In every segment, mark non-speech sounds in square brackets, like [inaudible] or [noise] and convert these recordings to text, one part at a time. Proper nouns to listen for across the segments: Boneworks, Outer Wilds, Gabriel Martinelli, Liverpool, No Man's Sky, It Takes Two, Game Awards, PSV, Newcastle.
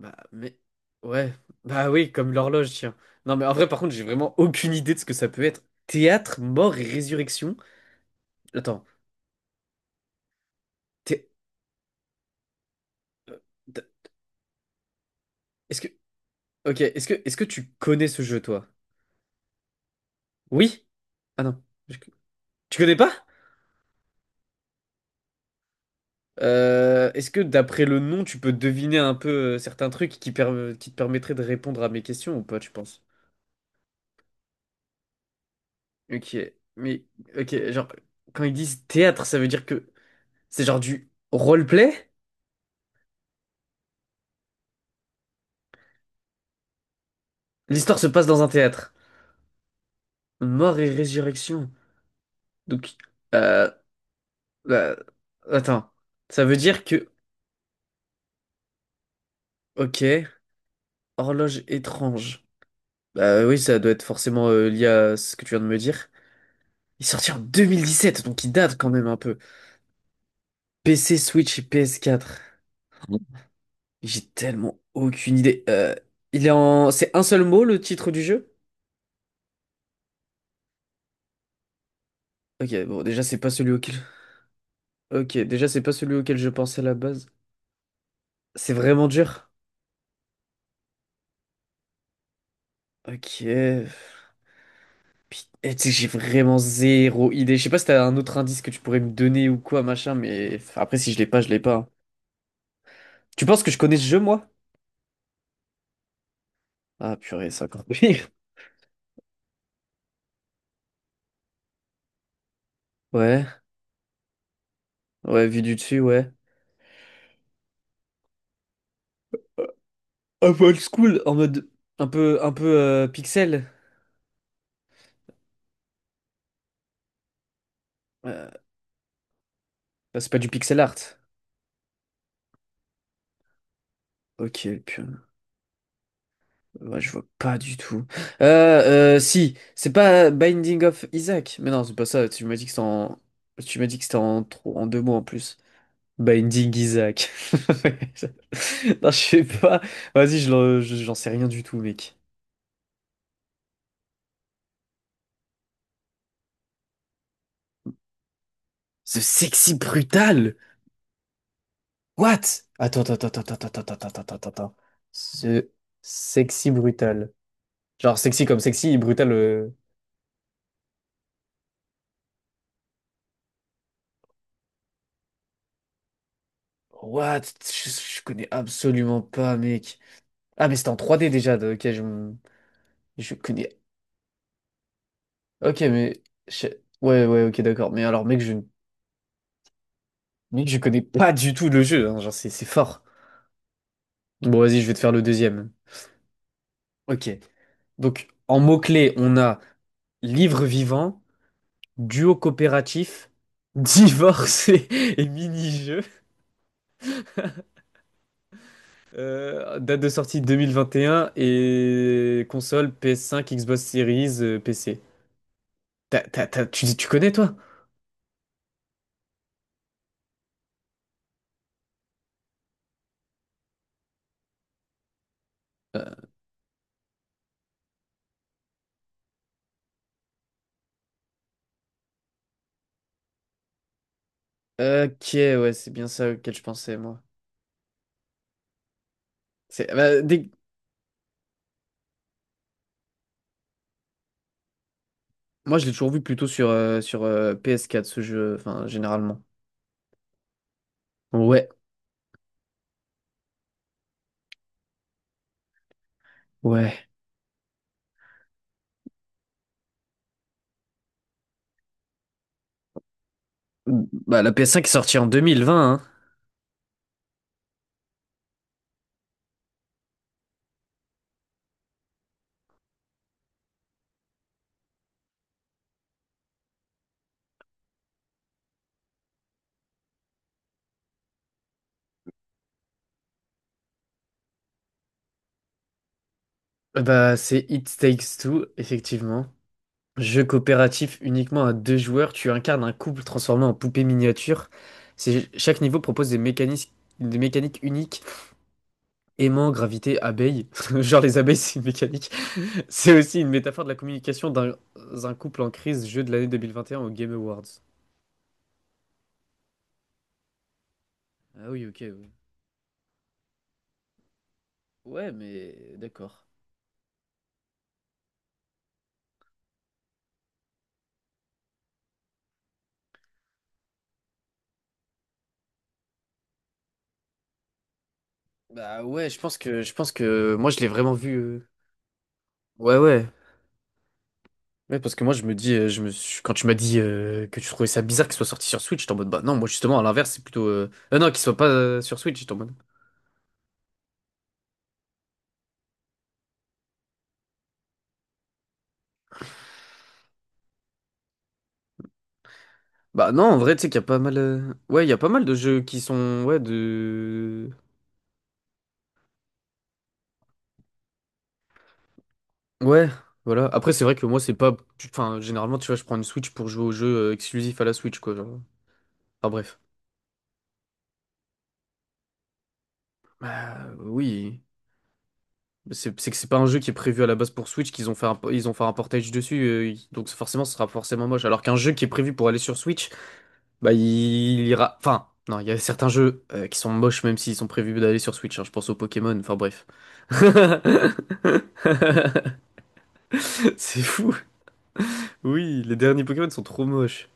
Bah, mais... Ouais, bah oui, comme l'horloge, tiens. Non, mais en vrai, par contre, j'ai vraiment aucune idée de ce que ça peut être. Théâtre, mort et résurrection? Attends, thé- t- est-ce que... Ok, est-ce que tu connais ce jeu, toi? Oui? Ah non. Je- Tu connais pas? Est-ce que d'après le nom, tu peux deviner un peu certains trucs qui, qui te permettraient de répondre à mes questions ou pas, tu penses? Ok, mais ok, genre quand ils disent théâtre, ça veut dire que c'est genre du roleplay? L'histoire se passe dans un théâtre. Mort et résurrection. Donc, euh, bah, attends, ça veut dire que ok, horloge étrange. Bah oui, ça doit être forcément lié à ce que tu viens de me dire. Il est sorti en 2017, donc il date quand même un peu. PC, Switch et PS4. J'ai tellement aucune idée. C'est un seul mot, le titre du jeu? Ok, bon, déjà, c'est pas celui auquel... Ok, déjà, c'est pas celui auquel je pensais à la base. C'est vraiment dur? Ok... Puis, tu sais, j'ai vraiment zéro idée. Je sais pas si t'as un autre indice que tu pourrais me donner ou quoi, machin, mais... enfin, après, si je l'ai pas, je l'ai pas, hein. Tu penses que je connais ce jeu, moi? Ah, purée, c'est encore pire. [laughs] Ouais, ouais, vu du dessus, ouais. Un peu old school, en mode... Un peu pixel. Euh, Bah, c'est pas du pixel art. Ok, putain. Ouais, je vois pas du tout. Si, c'est pas Binding of Isaac. Mais non, c'est pas ça. Tu m'as dit que c'était en... Tu m'as dit que c'était en, en deux mots en plus. Binding Isaac. [laughs] Non, je sais pas. Vas-y, j'en sais rien du tout, mec. Ce sexy brutal. What? Attends, attends, attends, attends, attends, attends, attends, attends, attends, attends. Ce sexy brutal. Genre sexy comme sexy brutal. What? Je connais absolument pas, mec. Ah, mais c'était en 3D déjà. Ok, je... Je connais. Ok, mais. je- Ouais, ouais, ok, d'accord. Mais alors, mec, je. Mec, je connais pas du tout le jeu, hein. Genre, c'est fort. Bon, vas-y, je vais te faire le deuxième. Ok. Donc, en mots-clés, on a livre vivant, duo coopératif, divorce et, [laughs] et mini-jeu. Date de sortie 2021 et un et console PS5, Xbox Series, PC. Tu connais, toi? Euh, Ok, ouais, c'est bien ça auquel je pensais, moi. C'est bah, dès- Moi, je l'ai toujours vu plutôt sur PS4, ce jeu, enfin, généralement. Ouais, ouais. Bah, la PS5 est sortie en 2020, hein. Bah, c'est It Takes Two, effectivement. Jeu coopératif uniquement à deux joueurs, tu incarnes un couple transformé en poupée miniature. Chaque niveau propose des mécanismes, des mécaniques uniques. Aimant, gravité, abeille. [laughs] Genre les abeilles, c'est une mécanique. [laughs] C'est aussi une métaphore de la communication d'un couple en crise, jeu de l'année 2021 au Game Awards. Ah oui, ok, oui. Ouais, mais d'accord. Bah ouais, je pense que moi je l'ai vraiment vu. Ouais, ouais. Ouais parce que moi je me dis quand tu m'as dit que tu trouvais ça bizarre qu'il soit sorti sur Switch, j'étais en mode bah non, moi justement à l'inverse, c'est plutôt non, qu'il soit pas sur Switch, j'étais en mode bah non, en vrai tu sais qu'il y a pas mal ouais, il y a pas mal de jeux qui sont ouais de ouais, voilà. Après c'est vrai que moi c'est pas enfin généralement tu vois, je prends une Switch pour jouer aux jeux exclusifs à la Switch quoi, genre. Enfin bref. Oui. C'est que c'est pas un jeu qui est prévu à la base pour Switch, qu'ils ont fait un, ils ont fait un portage donc forcément ce sera forcément moche. Alors qu'un jeu qui est prévu pour aller sur Switch, bah il ira. Enfin, non, il y a certains jeux qui sont moches même s'ils sont prévus d'aller sur Switch, hein. Je pense aux Pokémon, enfin bref. [laughs] C'est fou. Oui, les derniers Pokémon sont trop moches.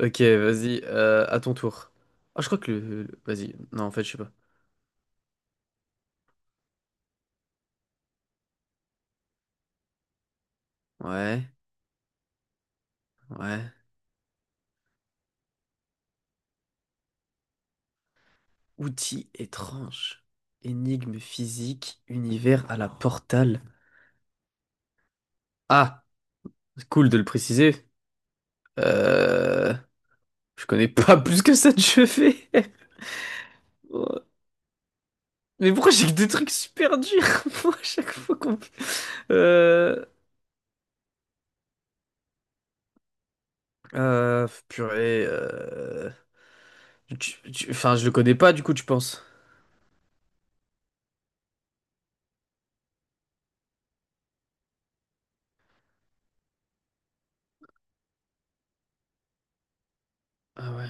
Ok, vas-y, à ton tour. Ah, je crois que vas-y, non, en fait, je sais pas. Ouais, ouais. Outils étranges, énigme physique, univers à la portale. Ah! C'est cool de le préciser. Euh, je connais pas [laughs] plus que ça de chevet. [laughs] Mais pourquoi j'ai que des trucs super durs [laughs] moi, à chaque fois qu'on... Euh... Purée... Enfin, je le connais pas du coup, tu penses? Ah ouais,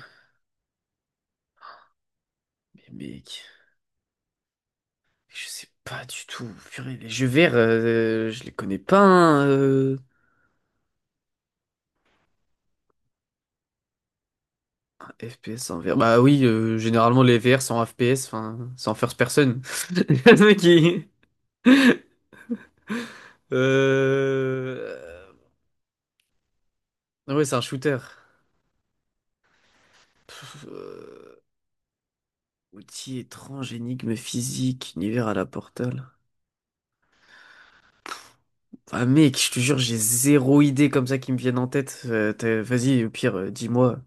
mais mec... Je sais pas du tout. Purée, les jeux verts, je les connais pas, hein. FPS en VR. Bah oui, généralement les VR sont en FPS, enfin, c'est en first person. [laughs] Le mec, il- Euh... Ah ouais, c'est un shooter. Pff, euh, Outil étrange, énigme physique, univers à la Portal. Ah mec, je te jure, j'ai zéro idée comme ça qui me viennent en tête. Vas-y, au pire, dis-moi.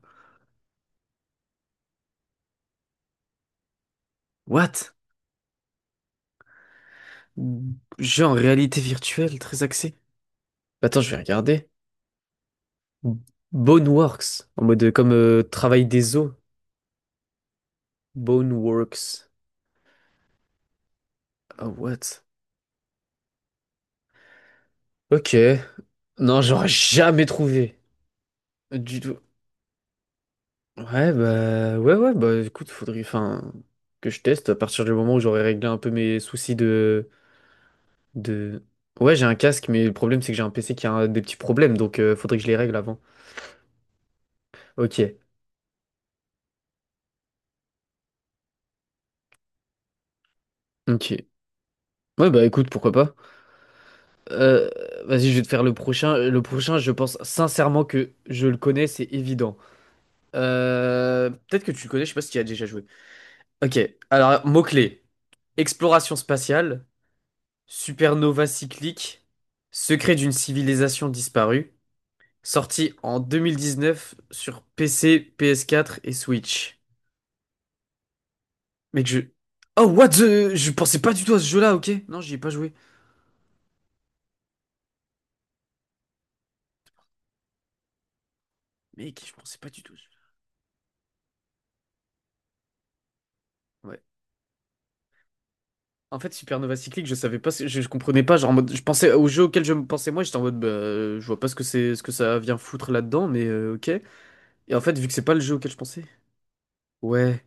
What? Jeu en réalité virtuelle, très axé. Attends, je vais regarder. Boneworks, en mode comme travail des os. Boneworks. Ah what? Ok. Non, j'aurais jamais trouvé. Du tout. Ouais, bah, ouais, ouais, bah, écoute, faudrait, enfin, que je teste à partir du moment où j'aurai réglé un peu mes soucis de... Ouais, j'ai un casque, mais le problème, c'est que j'ai un PC qui a des petits problèmes, donc faudrait que je les règle avant. Ok, ok. Ouais, bah, écoute, pourquoi pas. Euh, Vas-y, je vais te faire le prochain. Le prochain, je pense sincèrement que je le connais, c'est évident. Peut-être que tu le connais, je sais pas si tu y as déjà joué. Ok, alors, mots clés: exploration spatiale, supernova cyclique, secret d'une civilisation disparue, sorti en 2019 sur PC, PS4 et Switch. Mec, je... Oh, what the... Je pensais pas du tout à ce jeu-là, ok? Non, j'y ai pas joué. Mec, je pensais pas du tout à ce jeu-là. Ouais. En fait, Supernova Cyclique, je savais pas, je comprenais pas, genre en mode, je pensais au jeu auquel je me pensais moi, j'étais en mode, bah, je vois pas ce que c'est, ce que ça vient foutre là-dedans, mais ok. Et en fait, vu que c'est pas le jeu auquel je pensais, ouais.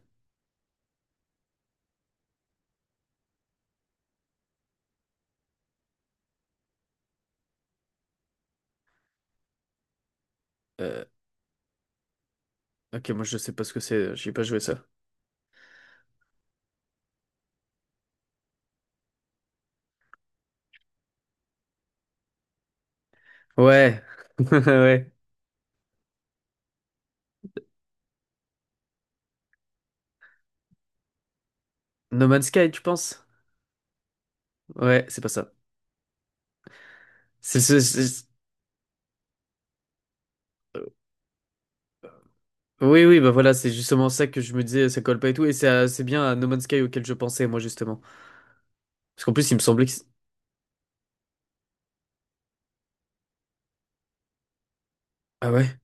Euh, ok, moi je sais pas ce que c'est, j'ai pas joué ça. Ouais, [laughs] ouais. No Man's Sky, tu penses? Ouais, c'est pas ça. C'est ce, oui, oui, bah voilà, c'est justement ça que je me disais, ça colle pas et tout, et c'est bien à No Man's Sky auquel je pensais, moi, justement. Parce qu'en plus, il me semblait que... Ah ouais?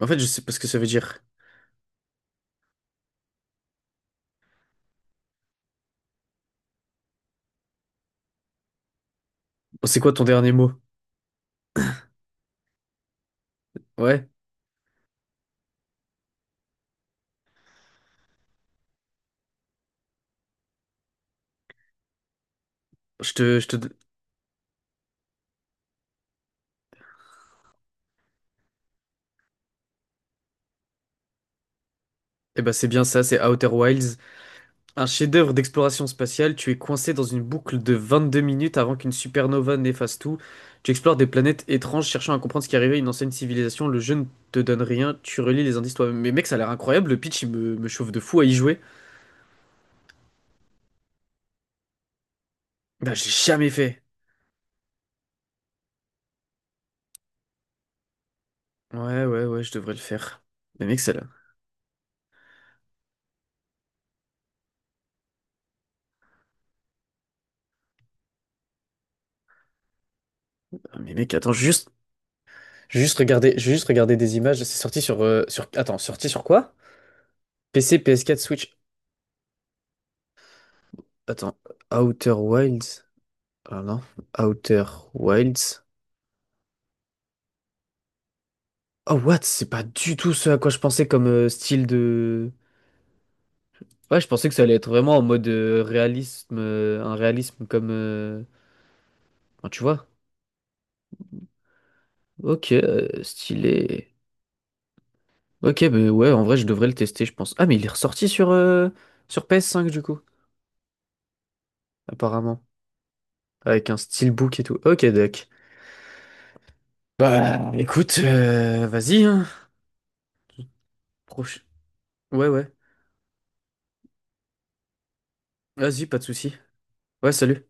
En fait, je sais pas ce que ça veut dire. Bon, c'est quoi ton dernier mot? Ouais? Je te... Je te... Eh ben c'est bien ça, c'est Outer Wilds. Un chef-d'œuvre d'exploration spatiale, tu es coincé dans une boucle de 22 minutes avant qu'une supernova n'efface tout. Tu explores des planètes étranges, cherchant à comprendre ce qui arrivait à une ancienne civilisation. Le jeu ne te donne rien, tu relis les indices toi-même. Mais mec, ça a l'air incroyable, le pitch, il me chauffe de fou à y jouer. Bah, j'ai jamais fait. Ouais, ouais, ouais, je devrais le faire. Mais mec, celle-là. Ah, mais mec, attends, j'ai juste. J'ai juste regardé des images. C'est sorti sur. Attends, sorti sur quoi? PC, PS4, Switch. Attends, Outer Wilds. Ah non, Outer Wilds. Oh what? C'est pas du tout ce à quoi je pensais comme style de. Ouais, je pensais que ça allait être vraiment en mode réalisme, un réalisme comme, enfin, tu vois? Ok, stylé. Ok, mais ouais, en vrai, je devrais le tester, je pense. Ah, mais il est ressorti sur PS5 du coup, apparemment. Avec un steelbook et tout. Ok, doc. Bah, écoute, vas-y, hein. Proche. Ouais, ouais. Vas-y, pas de souci. Ouais, salut.